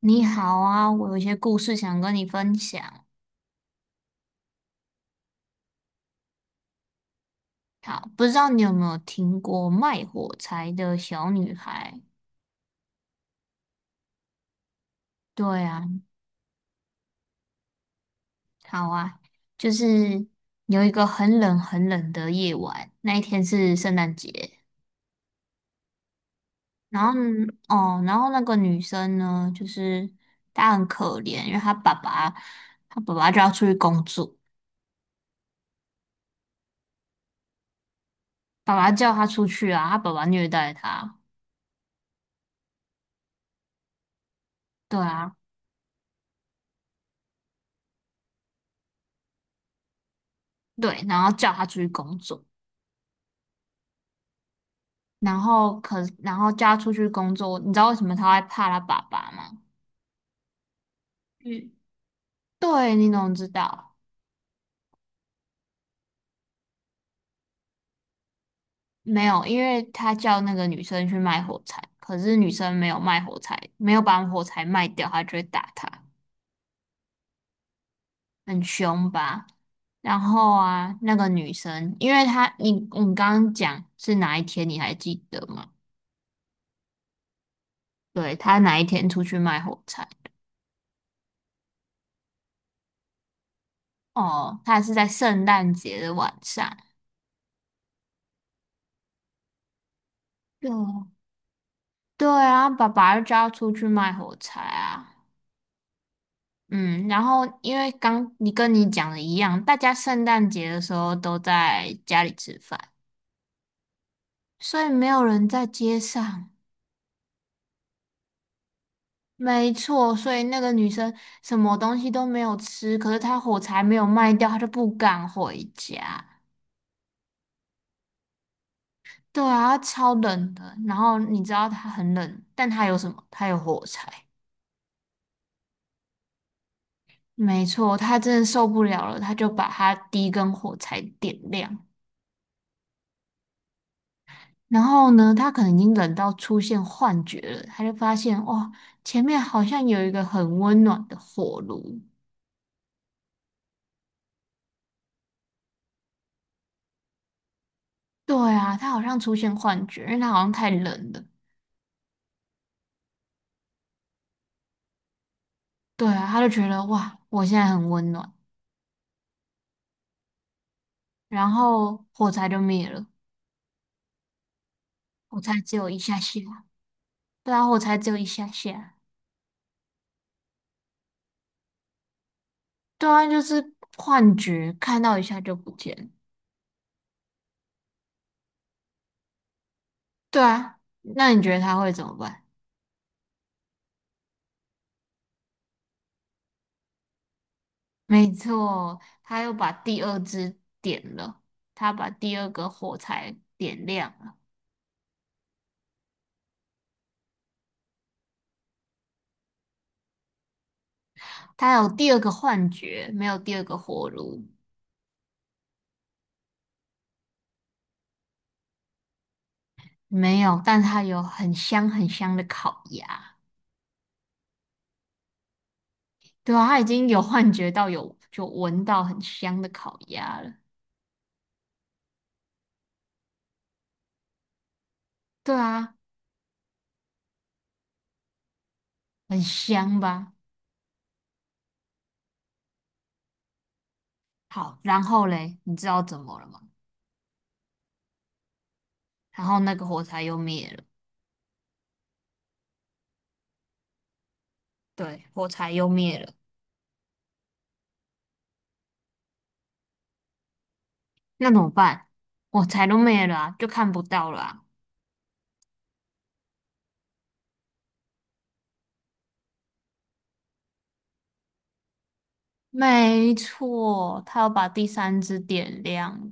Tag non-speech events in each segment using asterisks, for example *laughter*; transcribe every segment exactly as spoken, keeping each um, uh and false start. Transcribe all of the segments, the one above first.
你好啊，我有一些故事想跟你分享。好，不知道你有没有听过卖火柴的小女孩？对啊，好啊，就是有一个很冷很冷的夜晚，那一天是圣诞节。然后呢哦，然后那个女生呢，就是她很可怜，因为她爸爸，她爸爸就要出去工作，爸爸叫她出去啊，她爸爸虐待她，对啊，对，然后叫她出去工作。然后可然后叫他出去工作，你知道为什么他会怕他爸爸吗？嗯，对，你怎么知道？没有，因为他叫那个女生去卖火柴，可是女生没有卖火柴，没有把火柴卖掉，他就会打他，很凶吧？然后啊，那个女生，因为她，你你刚刚讲是哪一天，你还记得吗？对，她哪一天出去卖火柴？哦，她是在圣诞节的晚上。对，对啊，爸爸就叫出去卖火柴啊。嗯，然后因为刚你跟你讲的一样，大家圣诞节的时候都在家里吃饭，所以没有人在街上。没错，所以那个女生什么东西都没有吃，可是她火柴没有卖掉，她就不敢回家。对啊，她超冷的。然后你知道她很冷，但她有什么？她有火柴。没错，她真的受不了了，她就把她第一根火柴点亮。然后呢，他可能已经冷到出现幻觉了，他就发现哇，前面好像有一个很温暖的火炉。对啊，他好像出现幻觉，因为他好像太冷了。对啊，他就觉得哇，我现在很温暖，然后火柴就灭了，火柴只有一下下。对啊，火柴只有一下下。对啊，就是幻觉，看到一下就不见了。对啊，那你觉得他会怎么办？没错，他又把第二支点了，他把第二个火柴点亮了。他有第二个幻觉，没有第二个火炉，没有，但他有很香很香的烤鸭。对啊，他已经有幻觉到有就闻到很香的烤鸭了。对啊，很香吧？好，然后嘞，你知道怎么了吗？然后那个火柴又灭了，对，火柴又灭了，那怎么办？火柴都灭了啊，就看不到了啊。没错，他要把第三支点亮。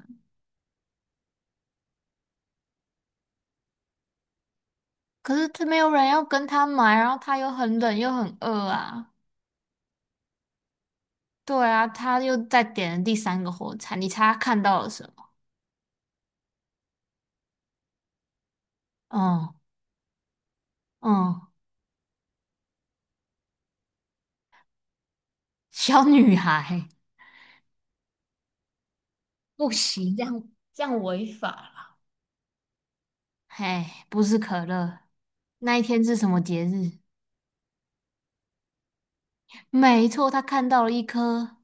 可是这没有人要跟他买，然后他又很冷又很饿啊。对啊，他又再点了第三个火柴，你猜他看到了什么？嗯。嗯，小女孩，不行，这样这样违法了。嘿，不是可乐，那一天是什么节日？没错，他看到了一棵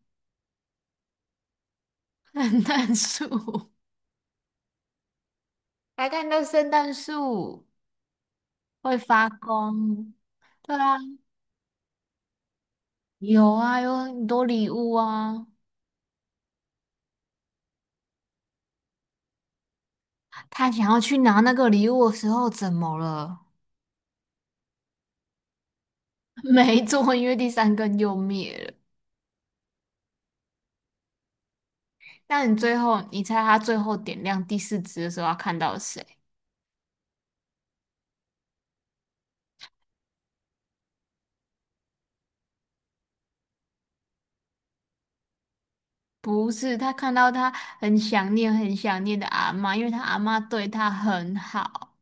*laughs* 圣诞树，*laughs* 还看到圣诞树会发光。对啊，有啊，有很多礼物啊。他想要去拿那个礼物的时候，怎么了？*laughs* 没做，因为第三根又灭了。但你最后，你猜他最后点亮第四支的时候，他看到谁？不是，他看到他很想念、很想念的阿嬷，因为他阿嬷对他很好，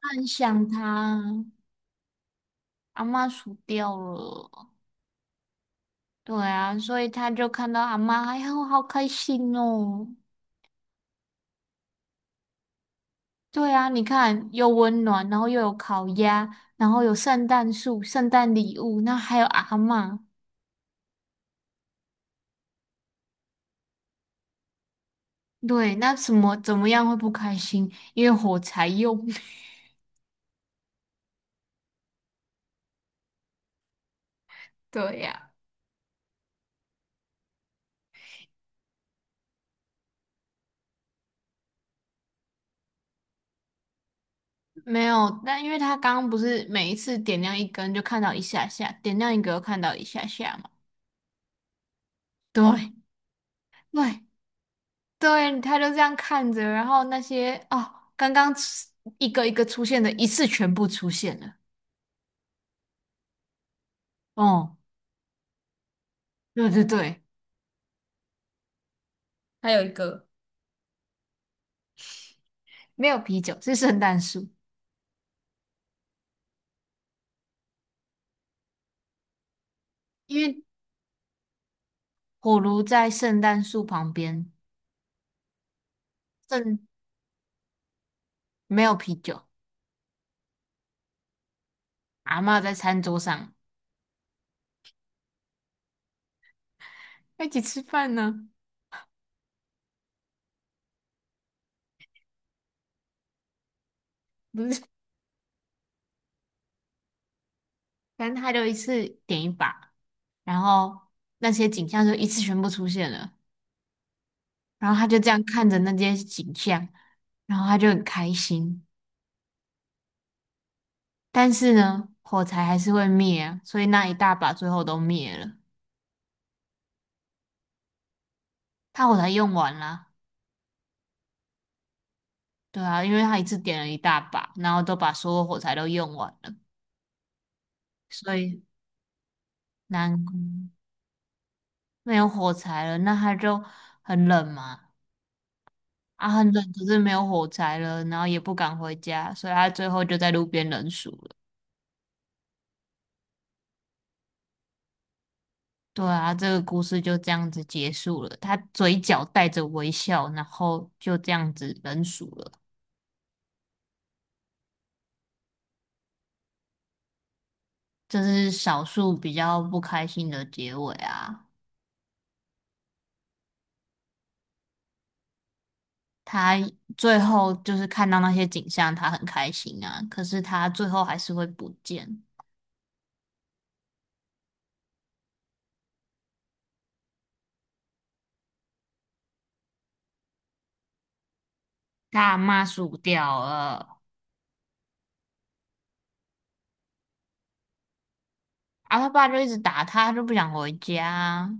他很想他。阿嬷死掉了，对啊，所以他就看到阿嬷，哎呀，我好开心哦。对啊，你看又温暖，然后又有烤鸭，然后有圣诞树、圣诞礼物，那还有阿嬷。对，那什么怎么样会不开心？因为火柴用 *laughs* 对呀、没有，但因为他刚刚不是每一次点亮一根就看到一下下，点亮一个又看到一下下嘛。对哦，对对，他就这样看着，然后那些哦，刚刚出一个一个出现的，一次全部出现了。哦，对对对，还有一个没有啤酒，是圣诞树。因为火炉在圣诞树旁边，正没有啤酒，阿嬷在餐桌上要一起吃饭呢，不是，反正他就一次点一把，然后那些景象就一次全部出现了，然后他就这样看着那些景象，然后他就很开心，但是呢，火柴还是会灭啊，所以那一大把最后都灭了，他火柴用完了，对啊，因为他一次点了一大把，然后都把所有火柴都用完了，所以难过。没有火柴了，那他就很冷嘛，啊，很冷，可是没有火柴了，然后也不敢回家，所以他最后就在路边冷死了。对啊，这个故事就这样子结束了。他嘴角带着微笑，然后就这样子冷死了。这是少数比较不开心的结尾啊。他最后就是看到那些景象，他很开心啊，可是他最后还是会不见。他阿嬷死掉了，啊，他爸就一直打他，他就不想回家啊。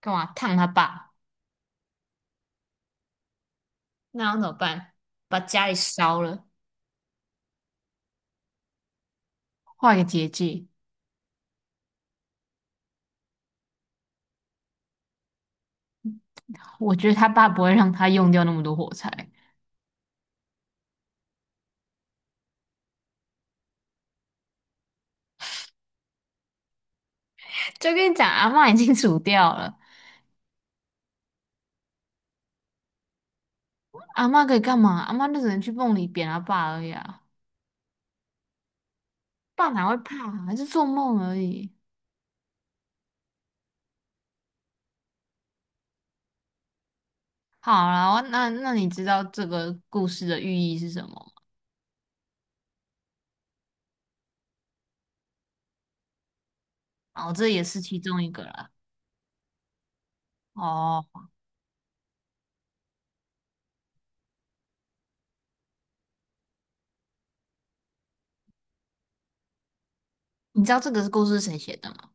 干嘛烫他爸？那要怎么办？把家里烧了，画一个结界。我觉得他爸不会让他用掉那么多火柴。就跟你讲，阿嬷已经煮掉了，阿嬷可以干嘛？阿嬷就只能去梦里扁他爸而已啊。爸哪会怕啊？还是做梦而已。好啦，我那那你知道这个故事的寓意是什么吗？哦，这也是其中一个啦。哦，你知道这个故事是谁写的吗？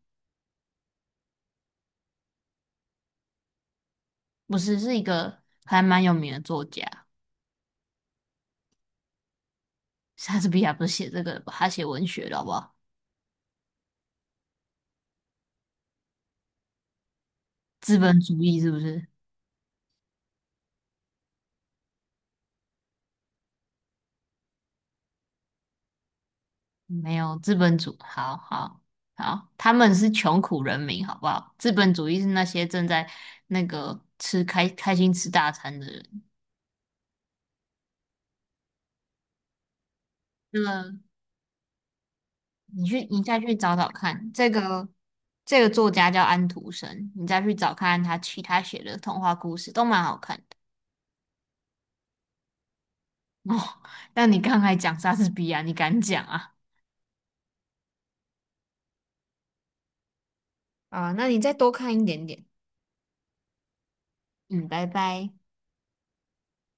不是，是一个还蛮有名的作家，莎士比亚不是写这个的吧？他写文学的好不好？资本主义是不是？没有资本主，好好好，他们是穷苦人民，好不好？资本主义是那些正在那个吃开开心吃大餐的人。那个你去，你再去找找看，这个这个作家叫安徒生，你再去找看他其他写的童话故事都蛮好看的。*laughs* 哦，那你刚才讲莎士比亚，你敢讲啊？啊，那你再多看一点点。嗯，拜拜。